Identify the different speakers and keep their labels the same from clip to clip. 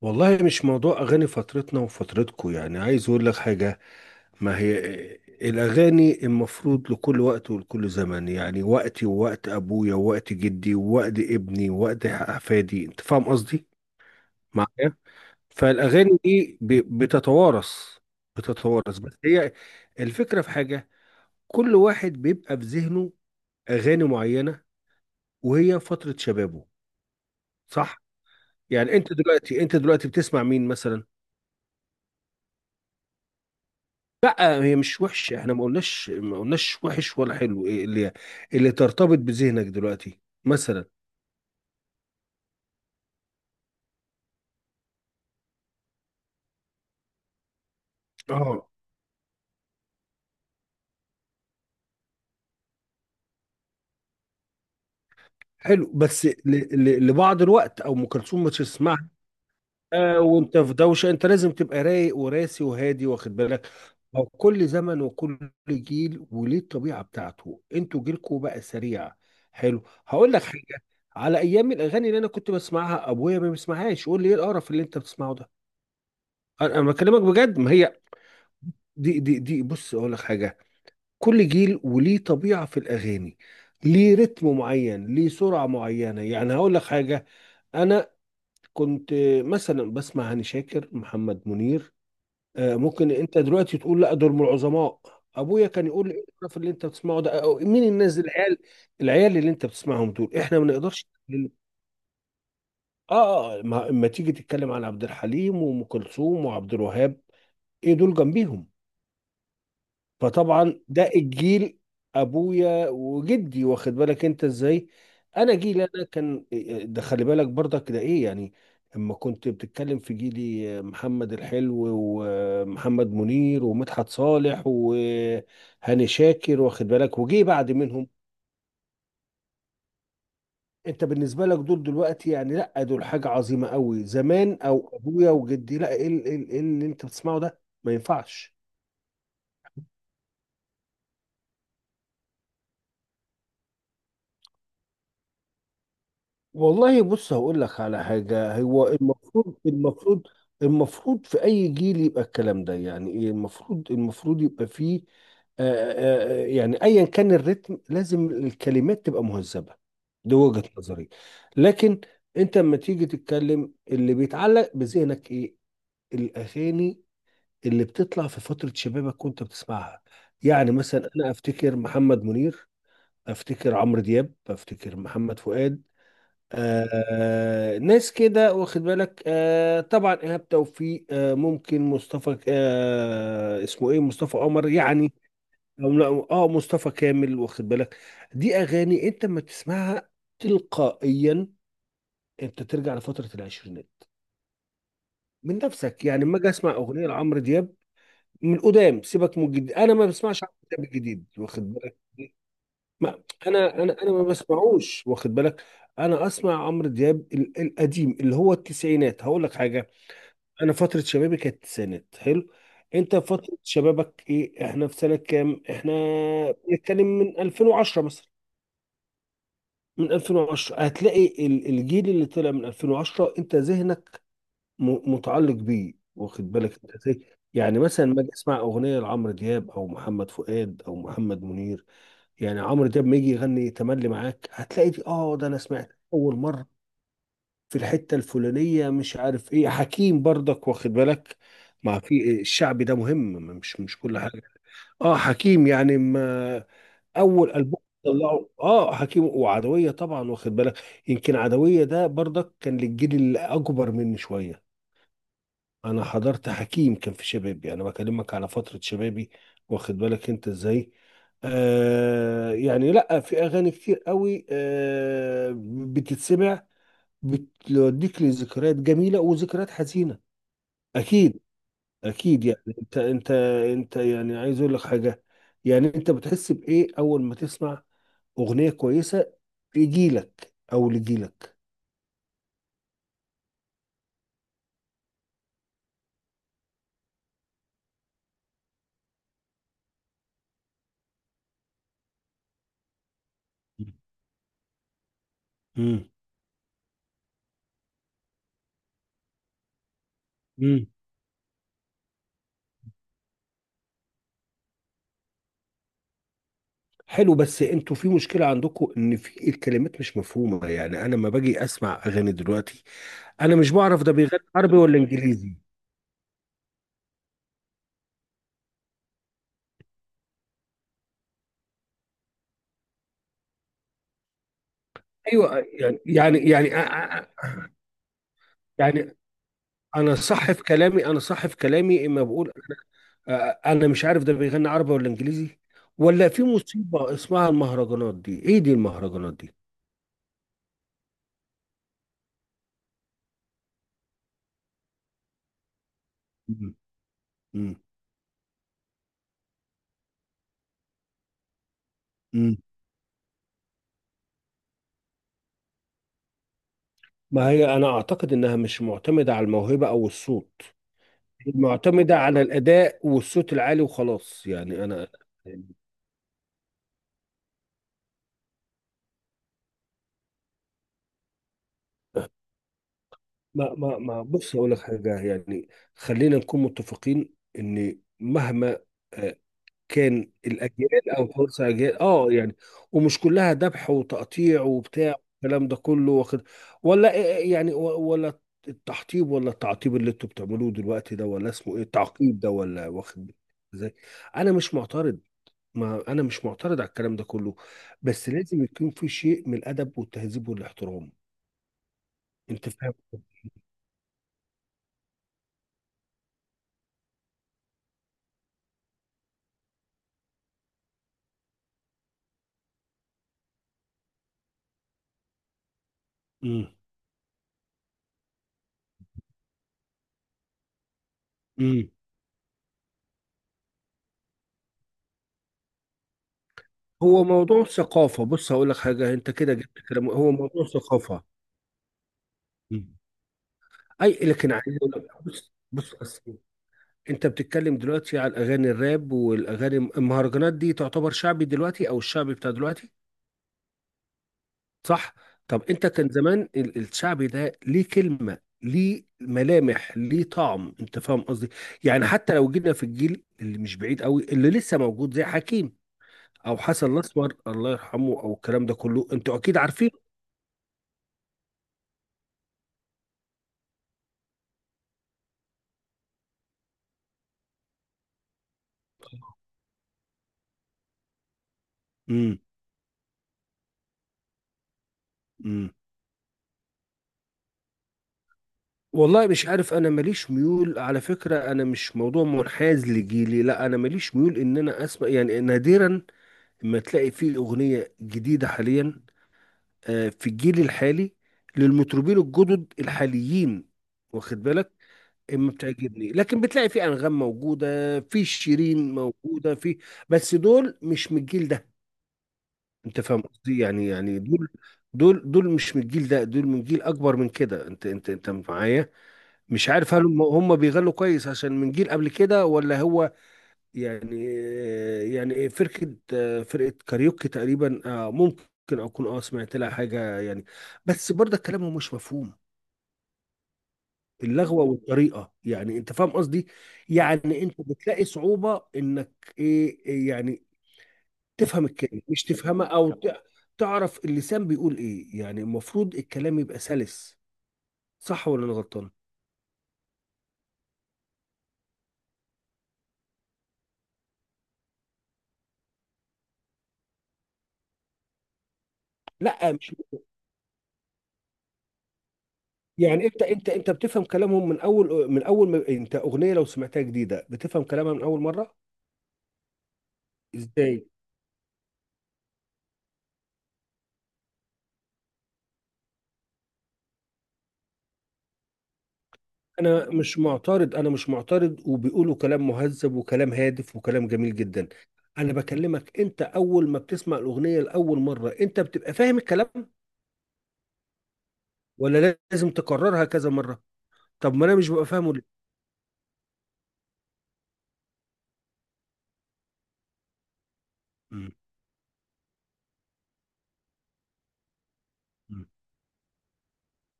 Speaker 1: والله مش موضوع أغاني فترتنا وفترتكو، يعني عايز أقول لك حاجة. ما هي الأغاني المفروض لكل وقت ولكل زمن، يعني وقتي ووقت أبويا ووقت جدي ووقت ابني ووقت أحفادي. أنت فاهم قصدي معايا؟ فالأغاني دي بتتوارث، بس هي الفكرة في حاجة. كل واحد بيبقى في ذهنه أغاني معينة، وهي فترة شبابه. صح؟ يعني أنت دلوقتي بتسمع مين مثلا؟ لا، هي مش وحشة. احنا ما قلناش وحش ولا حلو. ايه اللي ترتبط بذهنك دلوقتي مثلا؟ اه، حلو، بس لبعض الوقت. او ام كلثوم ما تسمعها؟ آه، وانت في دوشه، انت لازم تبقى رايق وراسي وهادي، واخد بالك. هو كل زمن وكل جيل وليه الطبيعه بتاعته. انتوا جيلكوا بقى سريع. حلو، هقول لك حاجه. على ايام الاغاني اللي انا كنت بسمعها، ابويا ما بيسمعهاش، يقول لي ايه القرف اللي انت بتسمعه ده. انا بكلمك بجد. ما هي دي، بص اقول لك حاجه، كل جيل وليه طبيعه في الاغاني. ليه رتم معين، ليه سرعه معينه. يعني هقول لك حاجه، انا كنت مثلا بسمع هاني شاكر، محمد منير. آه، ممكن انت دلوقتي تقول لا، دول من العظماء. ابويا كان يقول لي ايه القرف اللي انت بتسمعه ده، أو مين الناس العيال. العيال اللي انت بتسمعهم دول احنا ما نقدرش. اه، ما تيجي تتكلم عن عبد الحليم وام كلثوم وعبد الوهاب، ايه دول جنبيهم؟ فطبعا ده الجيل، ابويا وجدي، واخد بالك انت ازاي. انا جيلي انا كان، ده خلي بالك برضك، ده ايه يعني، اما كنت بتتكلم في جيلي، محمد الحلو ومحمد منير ومدحت صالح وهاني شاكر، واخد بالك، وجي بعد منهم. انت بالنسبه لك دول دلوقتي، يعني لا، دول حاجه عظيمه قوي زمان. او ابويا وجدي، لا، ايه إيه اللي انت بتسمعه ده، ما ينفعش. والله بص هقول لك على حاجة، هو المفروض، المفروض في أي جيل يبقى الكلام ده، يعني إيه، المفروض، يبقى فيه، يعني أيا كان الريتم، لازم الكلمات تبقى مهذبة. دي وجهة نظري. لكن أنت لما تيجي تتكلم، اللي بيتعلق بذهنك إيه؟ الأغاني اللي بتطلع في فترة شبابك وأنت بتسمعها. يعني مثلا أنا أفتكر محمد منير، أفتكر عمرو دياب، أفتكر محمد فؤاد. آه، ناس كده، واخد بالك. آه طبعا ايهاب توفيق، آه ممكن مصطفى، آه اسمه ايه، مصطفى قمر يعني، أو لا، اه، مصطفى كامل، واخد بالك. دي اغاني انت ما تسمعها تلقائيا، انت ترجع لفتره العشرينات من نفسك. يعني لما اجي اسمع اغنيه لعمرو دياب، من قدام، سيبك من الجديد، انا ما بسمعش عمرو دياب الجديد، واخد بالك. ما انا انا ما بسمعوش، واخد بالك. انا اسمع عمرو دياب القديم، اللي هو التسعينات. هقول لك حاجه، انا فتره شبابي كانت التسعينات. حلو. انت فتره شبابك ايه؟ احنا في سنه كام احنا؟ بنتكلم من 2010 مثلا. من 2010 هتلاقي الجيل اللي طلع من 2010 انت ذهنك متعلق بيه، واخد بالك انت ازاي. يعني مثلا ما اجي اسمع اغنيه لعمرو دياب او محمد فؤاد او محمد منير. يعني عمرو دياب ما يجي يغني تملي معاك، هتلاقي دي، اه، ده انا سمعت اول مره في الحته الفلانيه، مش عارف ايه. حكيم برضك، واخد بالك، ما في الشعبي ده مهم. مش كل حاجه. اه حكيم يعني، ما اول البوم طلعه اه حكيم وعدويه طبعا، واخد بالك. يمكن عدويه ده برضك كان للجيل الاكبر مني شويه. انا حضرت حكيم كان في شبابي، انا بكلمك على فترة شبابي، واخد بالك انت ازاي. آه يعني لا، في اغاني كتير قوي آه بتتسمع، بتوديك لذكريات جميلة وذكريات حزينة. اكيد. اكيد يعني انت، انت يعني عايز اقول لك حاجة، يعني انت بتحس بايه اول ما تسمع اغنية كويسة لجيلك او لجيلك. مم. حلو، بس انتوا في مشكلة عندكم، ان في الكلمات مش مفهومة. يعني انا لما باجي اسمع اغاني دلوقتي، انا مش بعرف ده بيغني عربي ولا انجليزي. ايوه، يعني أ- أ- يعني انا صح في كلامي، انا صح في كلامي اما بقول، أ- انا مش عارف ده بيغني عربي ولا انجليزي. ولا في مصيبة اسمها المهرجانات دي، ايه دي المهرجانات دي. مم. مم. مم. ما هي انا اعتقد انها مش معتمدة على الموهبة او الصوت، معتمدة على الأداء والصوت العالي وخلاص. يعني أنا، ما ما ما بص أقول لك حاجة، يعني خلينا نكون متفقين إن مهما آه، كان الأجيال أو خمس أجيال، أه يعني ومش كلها ذبح وتقطيع وبتاع، الكلام ده كله واخد، ولا يعني، ولا التحطيب، ولا التعطيب اللي انتوا بتعملوه دلوقتي ده، ولا اسمه ايه التعقيد ده، ولا واخد ازاي. انا مش معترض، ما انا مش معترض على الكلام ده كله، بس لازم يكون في شيء من الادب والتهذيب والاحترام. انت فاهم؟ امم امم هو موضوع ثقافه، بص هقول لك حاجه، انت كده جبت كلام، هو موضوع ثقافه. مم. اي لكن عايز اقول لك، بص أصل، انت بتتكلم دلوقتي على الاغاني الراب والاغاني المهرجانات، دي تعتبر شعبي دلوقتي، او الشعبي بتاع دلوقتي. صح؟ طب انت كان زمان الشعبي ده ليه كلمة، ليه ملامح، ليه طعم، انت فاهم قصدي؟ يعني حتى لو جينا في الجيل اللي مش بعيد قوي، اللي لسه موجود زي حكيم، او حسن الاسمر الله يرحمه، او الكلام ده كله، انتوا اكيد عارفين. امم امم والله مش عارف، انا ماليش ميول على فكرة. انا مش موضوع منحاز لجيلي، لا، انا ماليش ميول ان انا اسمع. يعني نادرا ما تلاقي فيه اغنية جديدة حاليا، في الجيل الحالي، للمطربين الجدد الحاليين، واخد بالك، ما بتعجبني. لكن بتلاقي في انغام موجوده، في شيرين موجوده، في، بس دول مش من الجيل ده. انت فاهم قصدي؟ يعني يعني دول، دول مش من الجيل ده، دول من جيل اكبر من كده، انت انت معايا. مش عارف هل هم بيغنوا كويس عشان من جيل قبل كده، ولا هو يعني. يعني فرقة كاريوكي تقريبا، آه، ممكن أكون أه سمعت لها حاجة، يعني بس برضه كلامهم مش مفهوم، اللغوة والطريقة. يعني أنت فاهم قصدي؟ يعني أنت بتلاقي صعوبة إنك، إيه إيه يعني، تفهم الكلمة، مش تفهمها، أو تعرف اللسان بيقول إيه. يعني المفروض الكلام يبقى سلس، صح ولا أنا غلطان؟ لا مش يعني، انت انت بتفهم كلامهم من اول، من اول ما انت اغنيه لو سمعتها جديده بتفهم كلامها من اول مره ازاي؟ انا مش معترض، انا مش معترض، وبيقولوا كلام مهذب وكلام هادف وكلام جميل جدا. انا بكلمك انت اول ما بتسمع الاغنيه لاول مره، انت بتبقى فاهم الكلام ولا لازم تكررها كذا مره؟ طب ما انا مش ببقى فاهمه ليه؟ مم. مم.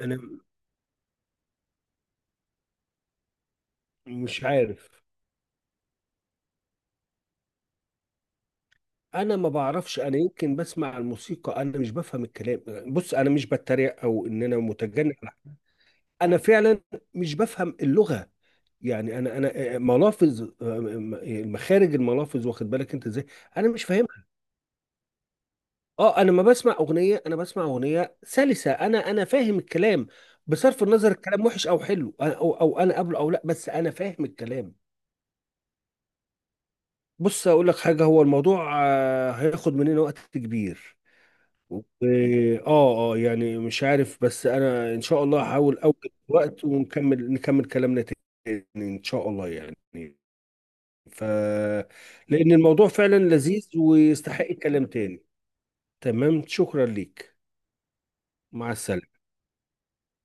Speaker 1: انا مش عارف، انا ما بعرفش، انا يمكن بسمع الموسيقى، انا مش بفهم الكلام. بص انا مش بتريق او ان انا متجنن، انا فعلا مش بفهم اللغه. يعني انا انا ملافظ، مخارج الملافظ، واخد بالك انت ازاي. انا مش فاهمها. اه، انا ما بسمع اغنيه، انا بسمع اغنيه سلسه انا، انا فاهم الكلام، بصرف النظر الكلام وحش او حلو. او انا قبله او لا، بس انا فاهم الكلام. بص اقول لك حاجه، هو الموضوع هياخد مننا وقت كبير. اه اه يعني مش عارف، بس انا ان شاء الله هحاول اوجد وقت ونكمل، نكمل كلامنا تاني ان شاء الله يعني. ف لأن الموضوع فعلا لذيذ ويستحق كلام تاني. تمام، شكرا ليك. مع السلامة.